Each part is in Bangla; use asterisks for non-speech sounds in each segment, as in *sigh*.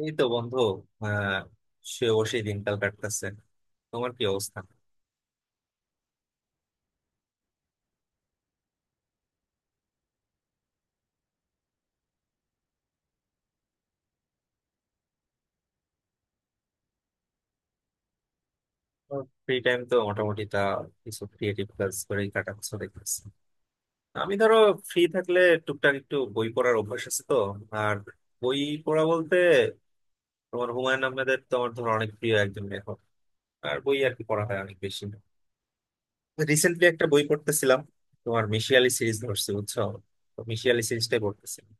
এই তো বন্ধু। আহ সে অবশ্যই দিনকাল কাটতেছে। তোমার কি অবস্থা? ফ্রি টাইম তো মোটামুটি তা কিছু ক্রিয়েটিভ কাজ করেই কাটাচ্ছ দেখতেছি। আমি ধরো ফ্রি থাকলে টুকটাক একটু বই পড়ার অভ্যাস আছে তো। আর বই পড়া বলতে তোমার হুমায়ুন আহমেদের তো আমার ধরো অনেক প্রিয় একজন লেখক। আর বই আর কি পড়া হয় অনেক বেশি। রিসেন্টলি একটা বই পড়তেছিলাম, তোমার মিশিয়ালি সিরিজ ধরছি বুঝছো, তো মিশিয়ালি সিরিজটাই পড়তেছিলাম।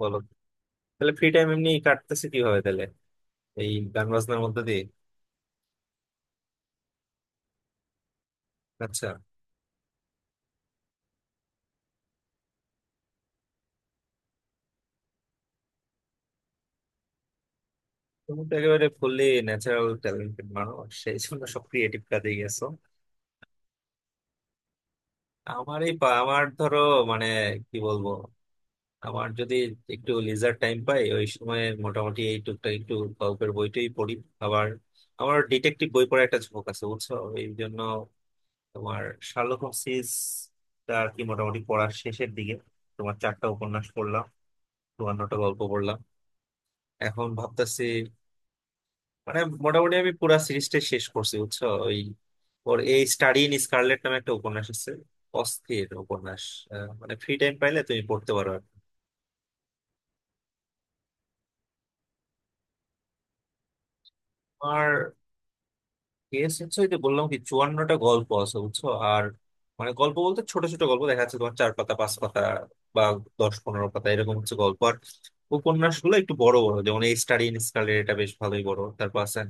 বলো, তাহলে ফ্রি টাইম এমনি কাটতেছে কিভাবে তাহলে? এই গান বাজনার মধ্যে দিয়ে? আচ্ছা, তুমি তো একেবারে ফুললি ন্যাচারাল ট্যালেন্টেড মানুষ, সেই জন্য সব ক্রিয়েটিভ কাজে গেছো। আমার ধরো মানে কি বলবো, আমার যদি একটু লিজার টাইম পাই ওই সময় মোটামুটি এই টুকটাক একটু গল্পের বইটাই পড়ি। আবার আমার ডিটেকটিভ বই পড়ার একটা ঝোঁক আছে বুঝছো, এই জন্য তোমার শার্লক হোমসিস টা আর কি মোটামুটি পড়ার শেষের দিকে। তোমার চারটা উপন্যাস পড়লাম, 54টা গল্প পড়লাম, এখন ভাবতেছি মানে মোটামুটি আমি পুরা সিরিজটা শেষ করছি বুঝছো। ওই ওর এই স্টাডি ইন স্কারলেট নামে একটা উপন্যাস আছে, অস্থির উপন্যাস। মানে ফ্রি টাইম পাইলে তুমি পড়তে পারো। আর কেস হচ্ছে ওই যে বললাম কি 54টা গল্প আছে বুঝছো। আর মানে গল্প বলতে ছোট ছোট গল্প দেখা যাচ্ছে তোমার চার পাতা পাঁচ পাতা বা 10-15 পাতা এরকম হচ্ছে গল্প। আর উপন্যাস গুলো একটু বড় বড়, যেমন এই স্টাডি ইন স্কারলেট এটা বেশ ভালোই বড়, তারপর আছে।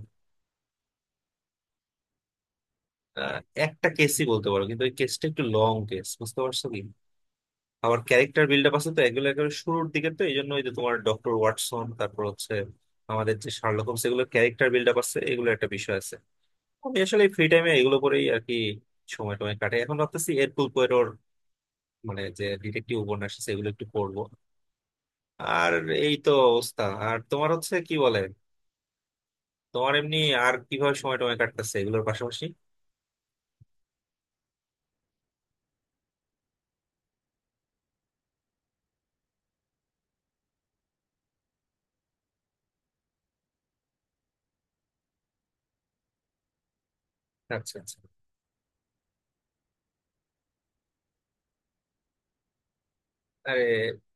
আহ, একটা কেসই বলতে পারো, কিন্তু ওই কেসটা একটু লং কেস, বুঝতে পারছো কি? আমার ক্যারেক্টার বিল্ড আপ আছে তো, এগুলো একেবারে শুরুর দিকে তো, এই জন্য ওই যে তোমার ডক্টর ওয়াটসন, তারপর হচ্ছে আমাদের যে শার্লক হোমস, এগুলো ক্যারেক্টার বিল্ড আপ আছে, এগুলো একটা বিষয় আছে। আমি আসলে ফ্রি টাইমে এগুলো করেই আর কি সময় টময় কাটে। এখন ভাবতেছি এরকুল পোয়ারোর মানে যে ডিটেকটিভ উপন্যাস আছে এগুলো একটু পড়বো। আর এই তো অবস্থা। আর তোমার হচ্ছে কি বলে, তোমার এমনি আর কিভাবে সময় টময় কাটতেছে এগুলোর পাশাপাশি? আচ্ছা, আচ্ছা। আরে,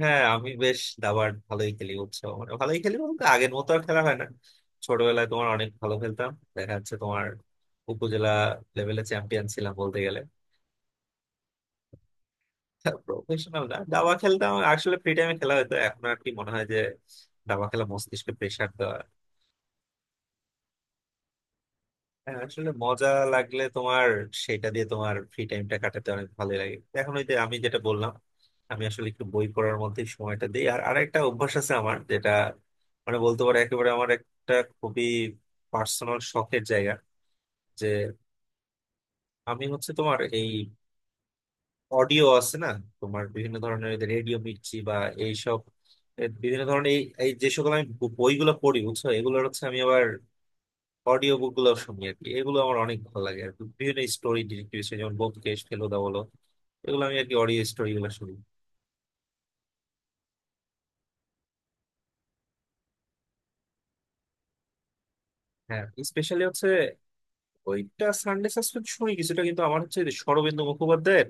হ্যাঁ আমি বেশ দাবার ভালোই খেলি বুঝছো। মানে ভালোই খেলি বলতে আগের মতো আর খেলা হয় না। ছোটবেলায় তোমার অনেক ভালো খেলতাম, দেখা যাচ্ছে তোমার উপজেলা লেভেলে চ্যাম্পিয়ন ছিলাম বলতে গেলে। প্রফেশনাল না, দাবা খেলতাম আসলে ফ্রি টাইমে, খেলা হতো। এখন আর কি মনে হয় যে দাবা খেলা মস্তিষ্কে প্রেসার দেওয়া। হ্যাঁ, আসলে মজা লাগলে তোমার সেটা দিয়ে তোমার ফ্রি টাইমটা কাটাতে অনেক ভালোই লাগে। এখন ওই যে আমি যেটা বললাম, আমি আসলে একটু বই পড়ার মধ্যে সময়টা দিই। আর আরেকটা অভ্যাস আছে আমার, যেটা মানে বলতে পারো একেবারে আমার একটা খুবই পার্সোনাল শখের জায়গা, যে আমি হচ্ছে তোমার এই অডিও আছে না, তোমার বিভিন্ন ধরনের রেডিও মির্চি বা এইসব, বিভিন্ন ধরনের এই এই যে সকল আমি বইগুলো পড়ি বুঝছো এগুলোর হচ্ছে আমি আবার অডিও বুক গুলো শুনি আর কি। এগুলো আমার অনেক ভালো লাগে আর কি বিভিন্ন স্টোরি ডিটেক্টিভ, যেমন ব্যোমকেশ ফেলুদা বলো, এগুলো আমি আর কি অডিও স্টোরি গুলো শুনি। হ্যাঁ, স্পেশালি হচ্ছে ওইটা সানডে সাসপেন্স শুনি কিছুটা, কিন্তু আমার হচ্ছে শরদিন্দু মুখোপাধ্যায়ের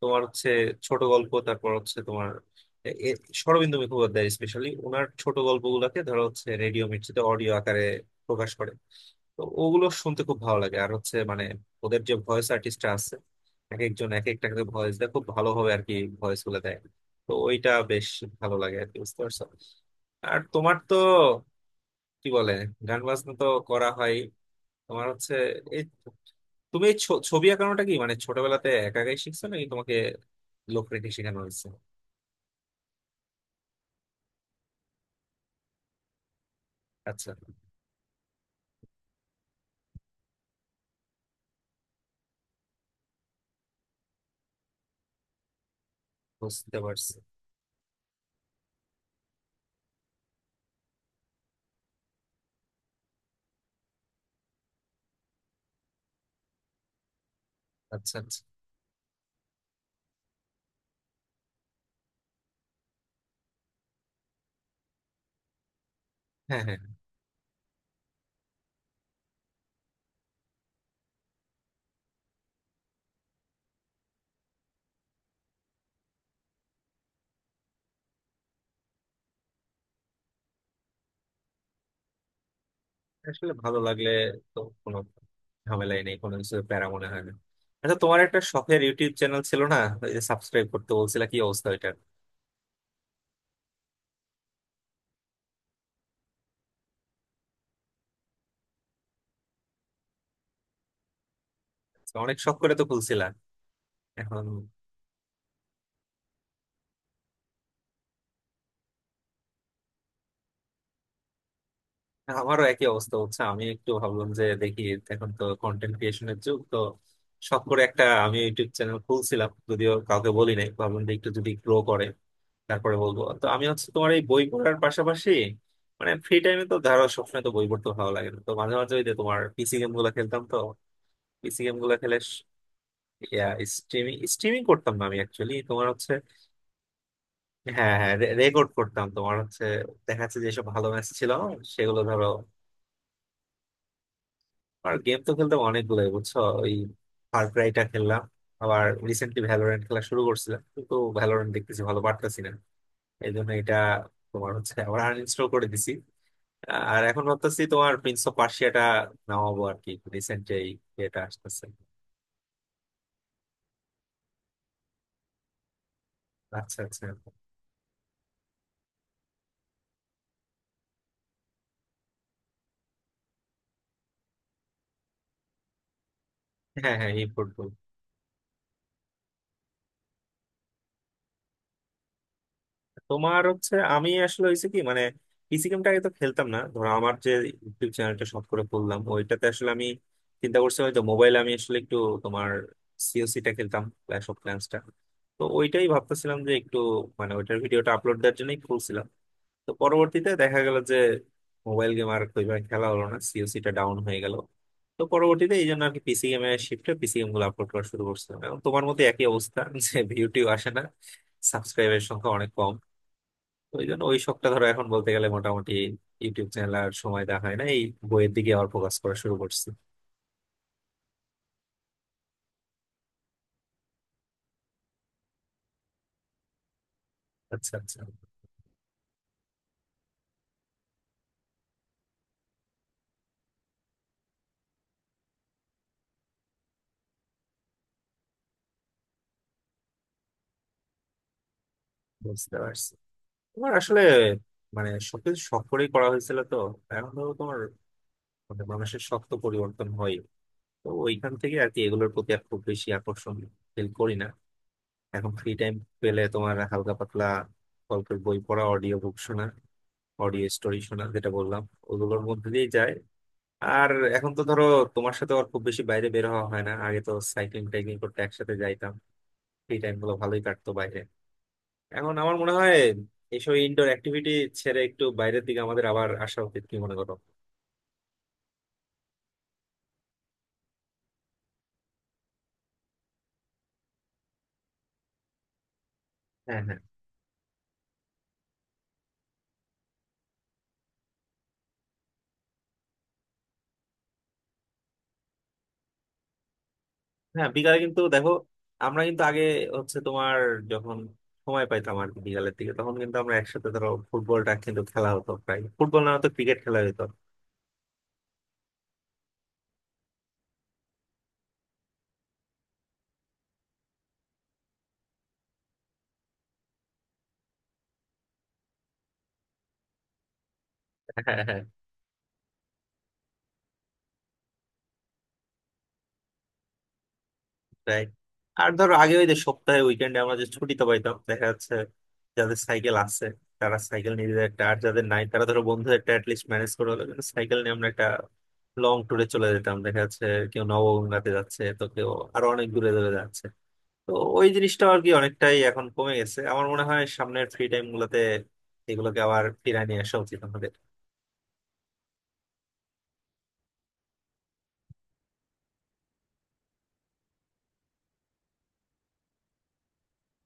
তোমার হচ্ছে ছোট গল্প, তারপর হচ্ছে তোমার এ- এ- শরদিন্দু মুখোপাধ্যায় স্পেশালি ওনার ছোট গল্পগুলোকে ধরো হচ্ছে রেডিও মির্চিতে অডিও আকারে প্রকাশ করে। তো ওগুলো শুনতে খুব ভালো লাগে। আর হচ্ছে মানে ওদের যে ভয়েস আর্টিস্টরা আছে, এক একজন এক একটা ভয়েস দেয় খুব ভালোভাবে আর কি, ভয়েস গুলো দেয়। তো ওইটা বেশ ভালো লাগে আর কি, বুঝতে পারছো? আর তোমার তো কি বলে গান বাজনা তো করা হয়, তোমার হচ্ছে এই তুমি এই ছবি আঁকানোটা কি মানে ছোটবেলাতে একা একাই শিখছো নাকি তোমাকে লোক রেখে শেখানো হয়েছে? আচ্ছা, বুঝতে পারছি। আচ্ছা, আচ্ছা। হ্যাঁ, হ্যাঁ, হ্যাঁ। আসলে ভালো লাগলে তো কোনো ঝামেলাই নেই, কোনো কিছু প্যারা মনে হয় না। আচ্ছা, তোমার একটা শখের ইউটিউব চ্যানেল ছিল না, ওই যে সাবস্ক্রাইব করতে বলছিলা, কি অবস্থা ওইটার? অনেক শখ করে তো খুলছিলা এখন। আমারও একই অবস্থা হচ্ছে, আমি একটু ভাবলাম যে দেখি এখন তো কন্টেন্ট ক্রিয়েশনের যুগ তো, শখ করে একটা আমি ইউটিউব চ্যানেল খুলছিলাম, যদিও কাউকে বলি নাই, ভাবলাম যে একটু যদি গ্রো করে তারপরে বলবো। তো আমি হচ্ছে তোমার এই বই পড়ার পাশাপাশি মানে ফ্রি টাইমে তো ধরো সবসময় তো বই পড়তে ভালো লাগে না, তো মাঝে মাঝে ওই যে তোমার পিসি গেম গুলা খেলতাম তো, পিসি গেম গুলা খেলে স্ট্রিমিং স্ট্রিমিং করতাম না, আমি অ্যাকচুয়ালি তোমার হচ্ছে হ্যাঁ হ্যাঁ রেকর্ড করতাম। তোমার হচ্ছে দেখা যাচ্ছে যেসব ভালো ম্যাচ ছিল সেগুলো ধরো। আর গেম তো খেলতাম অনেকগুলোই বুঝছো, ওই ফার ক্রাইটা খেললাম, আবার রিসেন্টলি ভ্যালোরেন্ট খেলা শুরু করছিলাম কিন্তু ভ্যালোরেন্ট দেখতেছি ভালো পারতেছি না, এই জন্য এটা তোমার হচ্ছে আবার আনইনস্টল করে দিছি। আর এখন ভাবতেছি তোমার প্রিন্স অফ পার্সিয়াটা নামাবো আর কি, রিসেন্ট যে এটা আসতেছে। আচ্ছা, আচ্ছা। হ্যাঁ, হ্যাঁ, এই ফুটবল। তোমার হচ্ছে আমি আসলে হয়েছে কি মানে পিসি গেমটা আগে তো খেলতাম না, ধরো আমার যে ইউটিউব চ্যানেলটা শখ করে খুললাম ওইটাতে আসলে আমি চিন্তা করছি হয়তো মোবাইলে আমি আসলে একটু তোমার সিওসিটা খেলতাম, ক্ল্যাশ অফ ক্ল্যান্সটা। তো ওইটাই ভাবতেছিলাম যে একটু মানে ওইটার ভিডিওটা আপলোড দেওয়ার জন্যই খুলছিলাম। তো পরবর্তীতে দেখা গেল যে মোবাইল গেম আর ওইভাবে খেলা হলো না, সিওসিটা ডাউন হয়ে গেল। তো পরবর্তীতে এই জন্য আর কি পিসি গেমে শিফটে পিসি গেম গুলো আপলোড করা শুরু করছিলাম, এবং তোমার মতো একই অবস্থা যে ভিউটিউ আসে না, সাবস্ক্রাইবের সংখ্যা অনেক কম। তো ওই জন্য ওই শখটা ধরো এখন বলতে গেলে মোটামুটি ইউটিউব চ্যানেল আর সময় দেখা হয় না, এই বইয়ের দিকে আবার ফোকাস করা শুরু করছি। আচ্ছা, আচ্ছা, বুঝতে পারছি। তোমার আসলে মানে সবকিছু শখ করেই করা হয়েছিল তো, এখন ধরো তোমার মানে মানুষের শখ তো পরিবর্তন হয়, তো ওইখান থেকে আর কি এগুলোর প্রতি আর খুব বেশি আকর্ষণ ফিল করি না। এখন ফ্রি টাইম পেলে তোমার হালকা পাতলা গল্পের বই পড়া, অডিও বুক শোনা, অডিও স্টোরি শোনা যেটা বললাম, ওগুলোর মধ্যে দিয়ে যায়। আর এখন তো ধরো তোমার সাথে আর খুব বেশি বাইরে বের হওয়া হয় না, আগে তো সাইক্লিং টাইক্লিং করতে একসাথে যাইতাম, ফ্রি টাইম গুলো ভালোই কাটতো বাইরে। এখন আমার মনে হয় এইসব ইনডোর অ্যাক্টিভিটি ছেড়ে একটু বাইরের দিকে আমাদের আবার আসা উচিত, কি মনে করো? হ্যাঁ, হ্যাঁ, হ্যাঁ, বিকালে কিন্তু দেখো আমরা কিন্তু আগে হচ্ছে তোমার যখন সময় পাইতাম আর কি বিকালের দিকে তখন কিন্তু আমরা একসাথে ধরো ফুটবলটা কিন্তু খেলা হতো, প্রায় ফুটবল না হতো ক্রিকেট খেলা হতো। *laughs* রাইট। আর ধরো আগে ওই যে সপ্তাহে উইকেন্ডে আমরা যে ছুটিতে পাইতাম দেখা যাচ্ছে যাদের সাইকেল আছে তারা সাইকেল নিজেদের একটা, আর যাদের নাই তারা ধরো বন্ধুদের একটা অ্যাটলিস্ট ম্যানেজ করে হলো কিন্তু সাইকেল নিয়ে আমরা একটা লং ট্যুরে চলে যেতাম, দেখা যাচ্ছে কেউ নবগঙ্গাতে যাচ্ছে তো কেউ আরো অনেক দূরে দূরে যাচ্ছে। তো ওই জিনিসটা আর কি অনেকটাই এখন কমে গেছে। আমার মনে হয় সামনের ফ্রি টাইম গুলোতে এগুলোকে আবার ফিরিয়ে নিয়ে আসা উচিত আমাদের।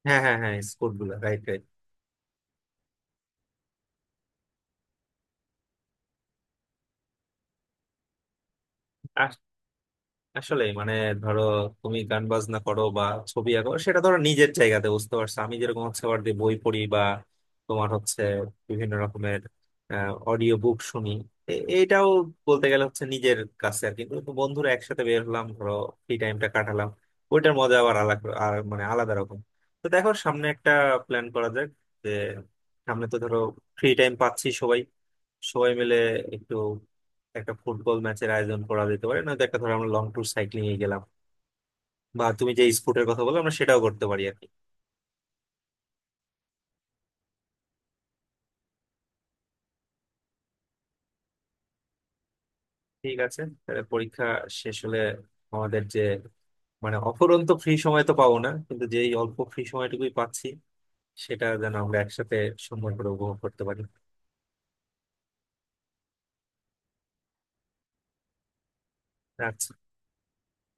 হ্যাঁ, হ্যাঁ, হ্যাঁ, স্কুল গুলো, রাইট, রাইট। আসলে মানে ধরো তুমি গান বাজনা করো বা ছবি আঁকো সেটা ধরো নিজের জায়গাতে, বুঝতে পারছো আমি যেরকম হচ্ছে আবার যে বই পড়ি বা তোমার হচ্ছে বিভিন্ন রকমের অডিও বুক শুনি, এ- এইটাও বলতে গেলে হচ্ছে নিজের কাছে আর কি। কিন্তু বন্ধুরা একসাথে বের হলাম ধরো, ফ্রি টাইমটা কাটালাম, ওইটার মজা আবার আলাদা, আর মানে আলাদা রকম। তো দেখো সামনে একটা প্ল্যান করা যাক, যে সামনে তো ধরো ফ্রি টাইম পাচ্ছি সবাই, সবাই মিলে একটু একটা ফুটবল ম্যাচের আয়োজন করা যেতে পারে, নয়তো একটা ধরো আমরা লং ট্যুর সাইক্লিং এ গেলাম, বা তুমি যে স্পোর্টের কথা বললে আমরা সেটাও করতে পারি আর কি। ঠিক আছে, তাহলে পরীক্ষা শেষ হলে আমাদের যে মানে অফুরন্ত ফ্রি সময় তো পাবো না, কিন্তু যেই অল্প ফ্রি সময়টুকুই পাচ্ছি সেটা যেন আমরা একসাথে সুন্দর করে উপভোগ করতে পারি। আচ্ছা।